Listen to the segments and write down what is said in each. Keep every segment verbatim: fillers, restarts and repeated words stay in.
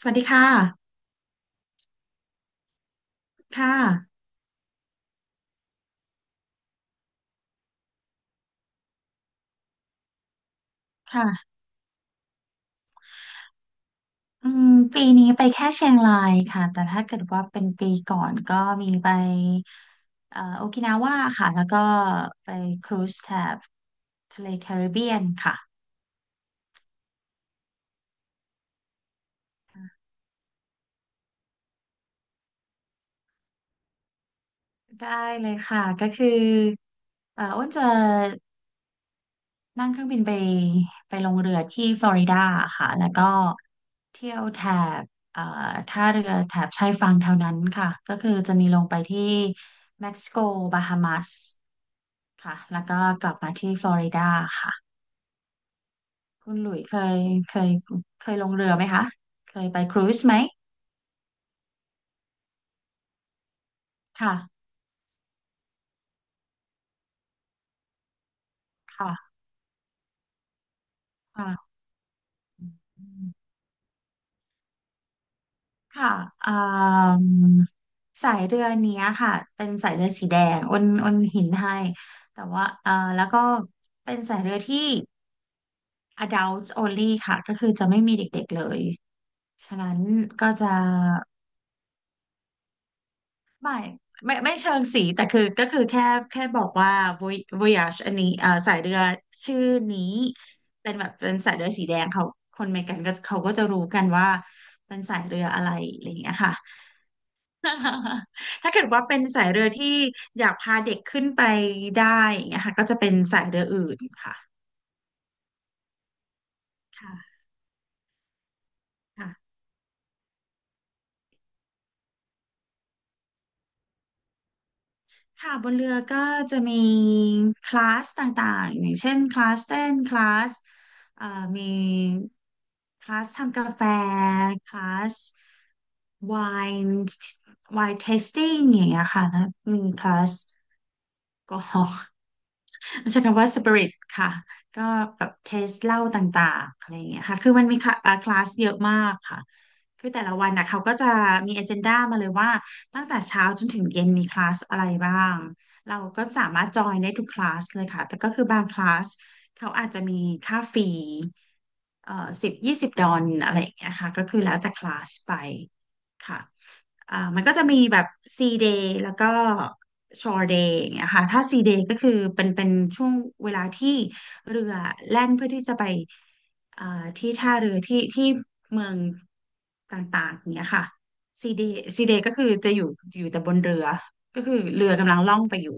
สวัสดีค่ะค่ะค่ะอืมปีนี้ไปแค่เชียงรายค่ะแต่ถ้าเกิดว่าเป็นปีก่อนก็มีไปเอ่อโอกินาว่าค่ะแล้วก็ไปครูซแถบทะเลแคริบเบียนค่ะได้เลยค่ะ ก็คือเอ่ออ้นจะนั่งเครื่องบินไปไปลงเรือที่ฟลอริดาค่ะแล้วก็เที่ยวแถบเอ่อท่าเรือแถบชายฝั่งแถวนั้นค่ะก็คือจะมีลงไปที่เม็กซิโกบาฮามัส ค่ะแล้วก็กลับมาที่ฟลอริดาค่ะคุณหลุยเคยเคยเคยลงเรือไหมคะเคยไปครูซไหมค่ะค่ะค่ะอืมค่ะอ่ามสายเรือเนี้ยค่ะเป็นสายเรือสีแดงอ้นอ้นหินให้แต่ว่าอ่าแล้วก็เป็นสายเรือที่ adults only ค่ะก็คือจะไม่มีเด็กๆเลยฉะนั้นก็จะ ไม่ไม่ไม่เชิงสีแต่คือก็คือแค่แค่บอกว่า Voy- Voyage อันนี้เอ่อสายเรือชื่อนี้เป็นแบบเป็นสายเรือสีแดงเขาคนอเมริกันก็เขาก็จะรู้กันว่าเป็นสายเรืออะไรอะไรอย่างเงี้ยค่ะ ถ้าเกิดว่าเป็นสายเรือที่อยากพาเด็กขึ้นไปได้อย่างเงี้ยค่ะก็จะเป็นสายเรืออื่นค่ะค่ะค่ะ ค่ะบนเรือก็จะมีคลาสต่างๆอย่างเช่นคลาสเต้นคลาสเอ่อมีคลาสทำกาแฟคลาสไวน์ไวน์เทสติ้งอย่างเงี้ยค่ะแล้วมีคลาสแอลกอฮอล์ มันใช้คำว่าสปิริตค่ะก็แบบเทสเหล้าต่างๆอะไรอย่างเงี้ยค่ะคือมันมีคลาเอ่อคลาสเยอะมากค่ะคือแต่ละวันนะเขาก็จะมี a อเจนดามาเลยว่าตั้งแต่เช้าจนถึงเย็นมีคลาสอะไรบ้างเราก็สามารถจอยได้ทุกคลาสเลยค่ะแต่ก็คือบางคลาสเขาอาจจะมีค่าฟรีเอ่อสิบยี่สิบดอลลาร์อะไรอย่างเงี้ยค่ะก็คือแล้วแต่คลาสไปค่ะ อ่ามันก็จะมีแบบ C day แล้วก็ shore day อย่างเงี้ยค่ะถ้า C day ก็คือเป็นเป็นช่วงเวลาที่เรือแล่นเพื่อที่จะไปอ่าที่ท่าเรือที่ที่เมืองต่างๆอย่างเงี้ยค่ะ C day C day ก็คือจะอยู่อยู่แต่บนเรือก็คือเรือกำลังล่องไปอยู่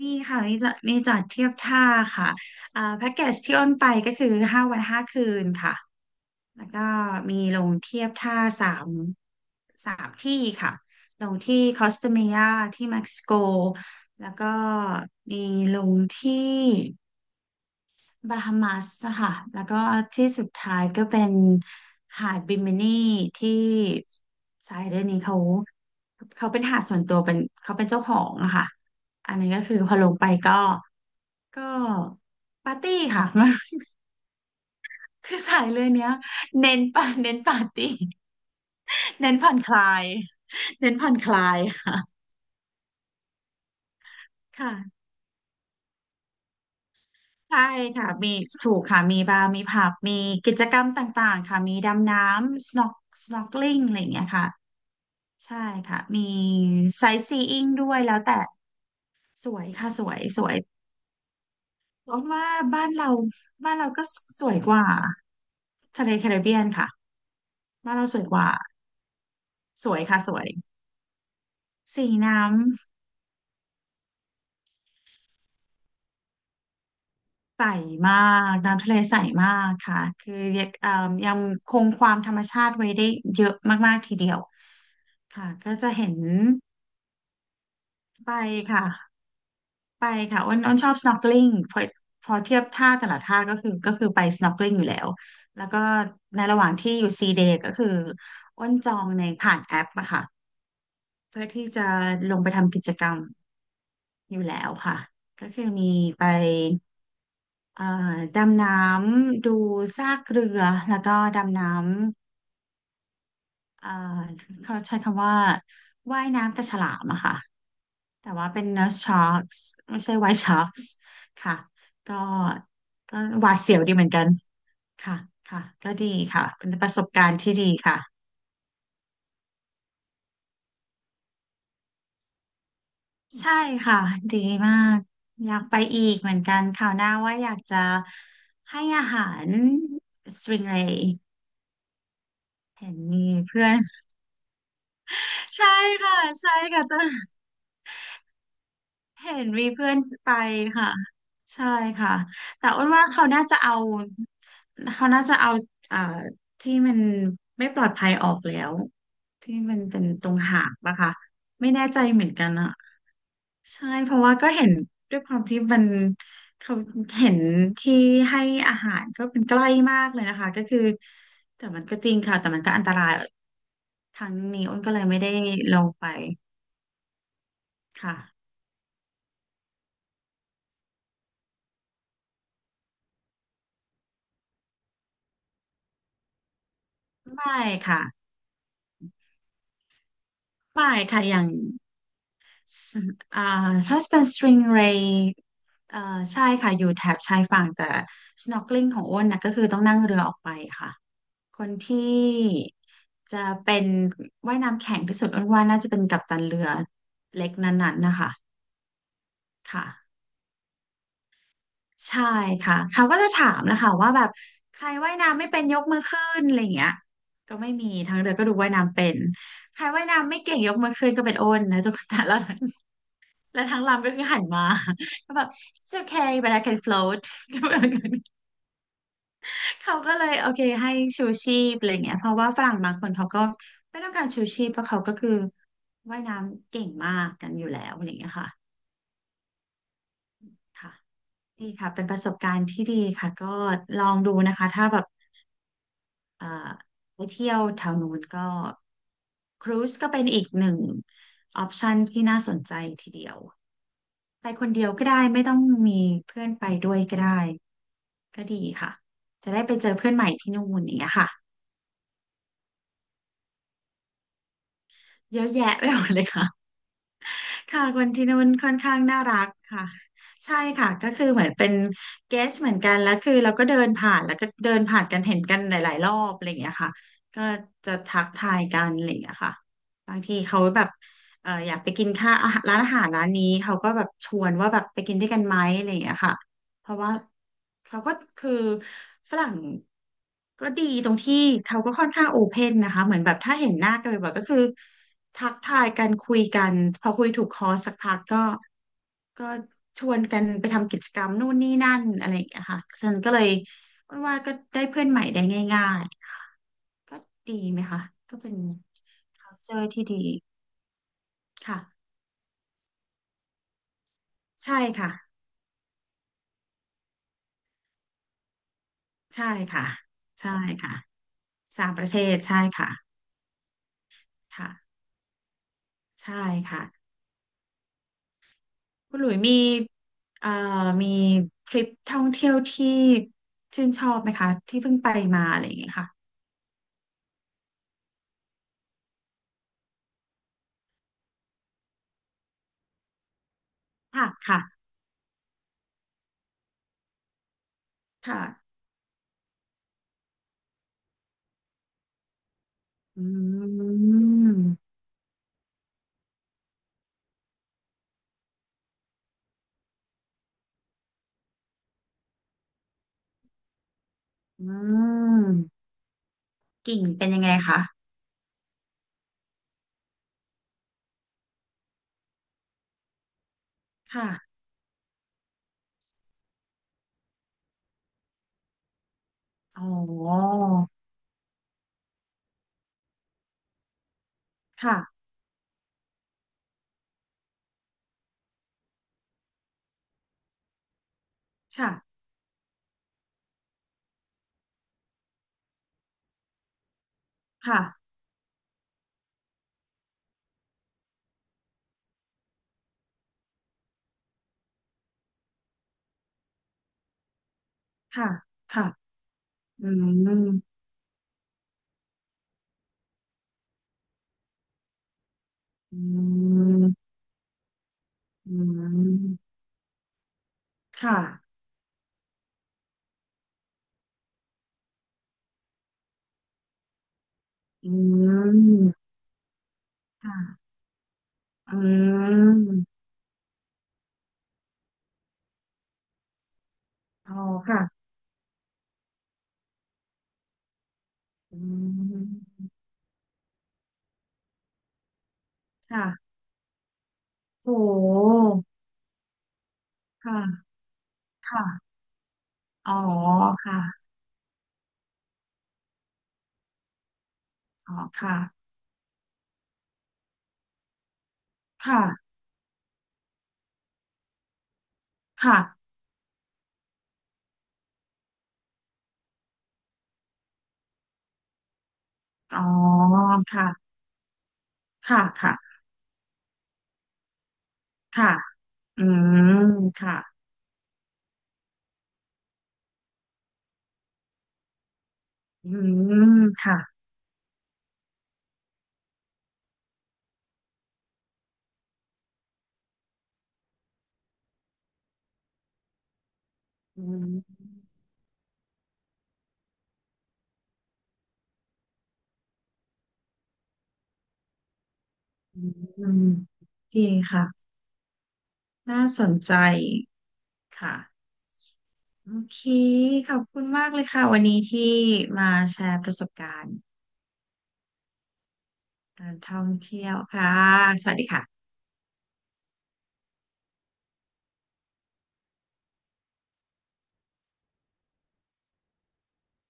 นี่ค่ะมีจัดี่จัดเทียบท่าค่ะอ่าแพ็กเกจที่อ้นไปก็คือห้าวันห้าคืนค่ะแล้วก็มีลงเทียบท่าสามสามที่ค่ะลงที่คอสตาเมียที่เม็กซิโกแล้วก็มีลงที่บาฮามัสค่ะแล้วก็ที่สุดท้ายก็เป็นหาดบิมินีที่สายเรือนนี้เขาเขาเป็นหาดส่วนตัวเป็นเขาเป็นเจ้าของอะค่ะอันนี้ก็คือพอลงไปก็ ก็ปาร์ตี้ค่ะ คือสายเลยเนี้ยเน้นปาเน้นปาร์ตี้ เน้นผ่อนคลาย เน้นผ่อนคลายค่ะค่ะใช่ค่ะมีถูกค่ะมีบาร์มีผับมีกิจกรรมต่างๆค่ะมีดำน้ำ snork snorkeling อะไรอย่างเงี้ยค่ะใช่ค่ะมี sightseeing ด้วยแล้วแต่สวยค่ะสวยสวยเพราะว่าบ้านเราบ้านเราก็สวยกว่าทะเลแคริบเบียนค่ะบ้านเราสวยกว่าสวยค่ะสวยสีน้ำ ใสมากน้ำทะเลใสมากค่ะคือยังเอ่อยังคงความธรรมชาติไว้ได้เยอะมากๆทีเดียวค่ะก็จะเห็นไปค่ะไปค่ะอ้นอ้นชอบ snorkeling พอพอเทียบท่าแต่ละท่าก็คือก็คือไป snorkeling อยู่แล้วแล้วก็ในระหว่างที่อยู่ซีเดก็คืออ้นจองในผ่านแอปอะค่ะเพื่อที่จะลงไปทำกิจกรรมอยู่แล้วค่ะก็คือมีไปเอ่อดำน้ำดูซากเรือแล้วก็ดำน้ อ่าเขาใช้คำว่าว่ายน้ำกับฉลามอะค่ะแต่ว่าเป็น nurse sharks ไม่ใช่ white sharks ค่ะก็ก็หวาดเสียวดีเหมือนกันค่ะค่ะก็ดีค่ะเป็นประสบการณ์ที่ดีค่ะใช่ค่ะดีมากอยากไปอีกเหมือนกันคราวหน้าว่าอยากจะให้อาหารสตริงเรย์เห็นมีเพื่อน ใช่ค่ะใช่ค่ะ เห็นมีเพื่อนไปค่ะใช่ค่ะแต่อ้วนว่าเขาน่าจะเอาเขาน่าจะเอาอ่าที่มันไม่ปลอดภัยออกแล้วที่มันเป็นตรงหางปะคะไม่แน่ใจเหมือนกันอะใช่เพราะว่าก็เห็นด้วยความที่มันเขาเห็นที่ให้อาหารก็เป็นใกล้มากเลยนะคะก็คือแต่มันก็จริงค่ะแต่มันก็อันตรายครั้งนี้อ้นก็เลยไม่ได้ลงไปค่ะไม่ค่ะไม่ค่ะอย่าง สอ่าถ้าเป็นสตริงเรย์เอ่อใช่ค่ะอยู่แถบชายฝั่งแต่ snorkeling ของอ้นนะก็คือต้องนั่งเรือออกไปค่ะคนที่จะเป็นว่ายน้ำแข็งที่สุดอ้นว่าน่าจะเป็นกัปตันเรือเล็กนั้นๆนะคะค่ะใช่ค่ะเขาก็จะถามนะคะว่าแบบใครว่ายน้ำไม่เป็นยกมือขึ้นอะไรอย่างเงี้ยก็ไม่มีทางเรือก็ดูว่ายน้ำเป็นใครว่ายน้ำไม่เก่งยกมือขึ้นก็เป็นโอนนะทุกคน แต่ละ แล้วทางลำก็คือหันมา ก็แบบ it's okay but I can float ก็แบบนั้นเขาก็เลยโอเคให้ชูชีพอะไรเงี้ยเพราะว่าฝรั่งบางคนเขาก็ไม่ต้องการชูชีพเพราะเขาก็คือว่ายน้ำเก่งมากกันอยู่แล้วอะไรเงี้ยค่ะค่ะดีค่ะเป็นประสบการณ์ที่ดีค่ะ ก็ลองดูนะคะ ถ้าแบบเอ่อไปเที่ยวแถวนู้นก็ครูซก็เป็นอีกหนึ่งออปชันที่น่าสนใจทีเดียว ไปคนเดียวก็ได้ไม่ต้องมีเพื่อนไปด้วยก็ได้ ก็ดีค่ะ จะได้ไปเจอเพื่อนใหม่ที่นู่นอย่างเงี้ยค่ะเยอะแยะไปหมดเลยค่ะค่ะคนที่นู่นค่อนข้างน่ารักค่ะ ใช่ค่ะก็คือเหมือนเป็นเกสเหมือนกัน แล้วคือเราก็เดินผ่าน แล้วก็เดินผ่านกันเห็นกันหลายๆรอบอะไรอย่างเงี้ยค่ะก็จะทักทายกันอะไรอย่างเงี้ยค่ะบางทีเขาแบบเอออยากไปกินข้าวอาหารร้านอาหารร้านนี้เขาก็แบบชวนว่าแบบไปกินด้วยกันไหมอะไรอย่างเงี้ยค่ะเพราะว่าเขาก็คือฝรั่ง ก็ดีตรงที่เขาก็ค่อนข้างโอเพนนะคะเหมือนแบบถ้าเห็นหน้ากันบ่อยๆก็คือทักทายกันคุยกันพอคุยถูกคอสักพักก็ก็ชวนกันไปทำกิจกรรมนู่นนี่นั่นอะไรอย่างเงี้ยค่ะฉันก็เลยว่าก็ได้เพื่อนใหม่ได้ง่ายๆก็ดีไหมคะก็เป็น culture ที่ดีค่ะใช่ค่ะใช่ค่ะใช่ค่ะสามประเทศใช่ค่ะค่ะใช่ค่ะ คุณหลุยมีเอ่อมีทริปท่องเที่ยวที่ชื่นชอบไหมคะที่เพิ่งไปมาอะไรอย่างเงี้ยค่ะค่ะค่ะค่ะอืมอืมกิ่งเป็นยังไงคะค่ะอ๋อค่ะค่ะค่ะค่ะค่ะอืมอืมอืมค่ะอืมค่ะอืมอ๋อค่ะอืมค่ะโห ค่ะค่ะอ๋อค่ะ อ๋อค่ะค่ะค่ะอ๋อค่ะค่ะค่ะค่ะอืมค่ะอืมค่ะอืมอืมดีค่ะน่าสนใจค่ะ โอเค ขอบคุณมากเลยค่ะ วันนี้ที่มาแชร์ประสบการณ์การท่องเที่ยวค่ะสวัสดีค่ะ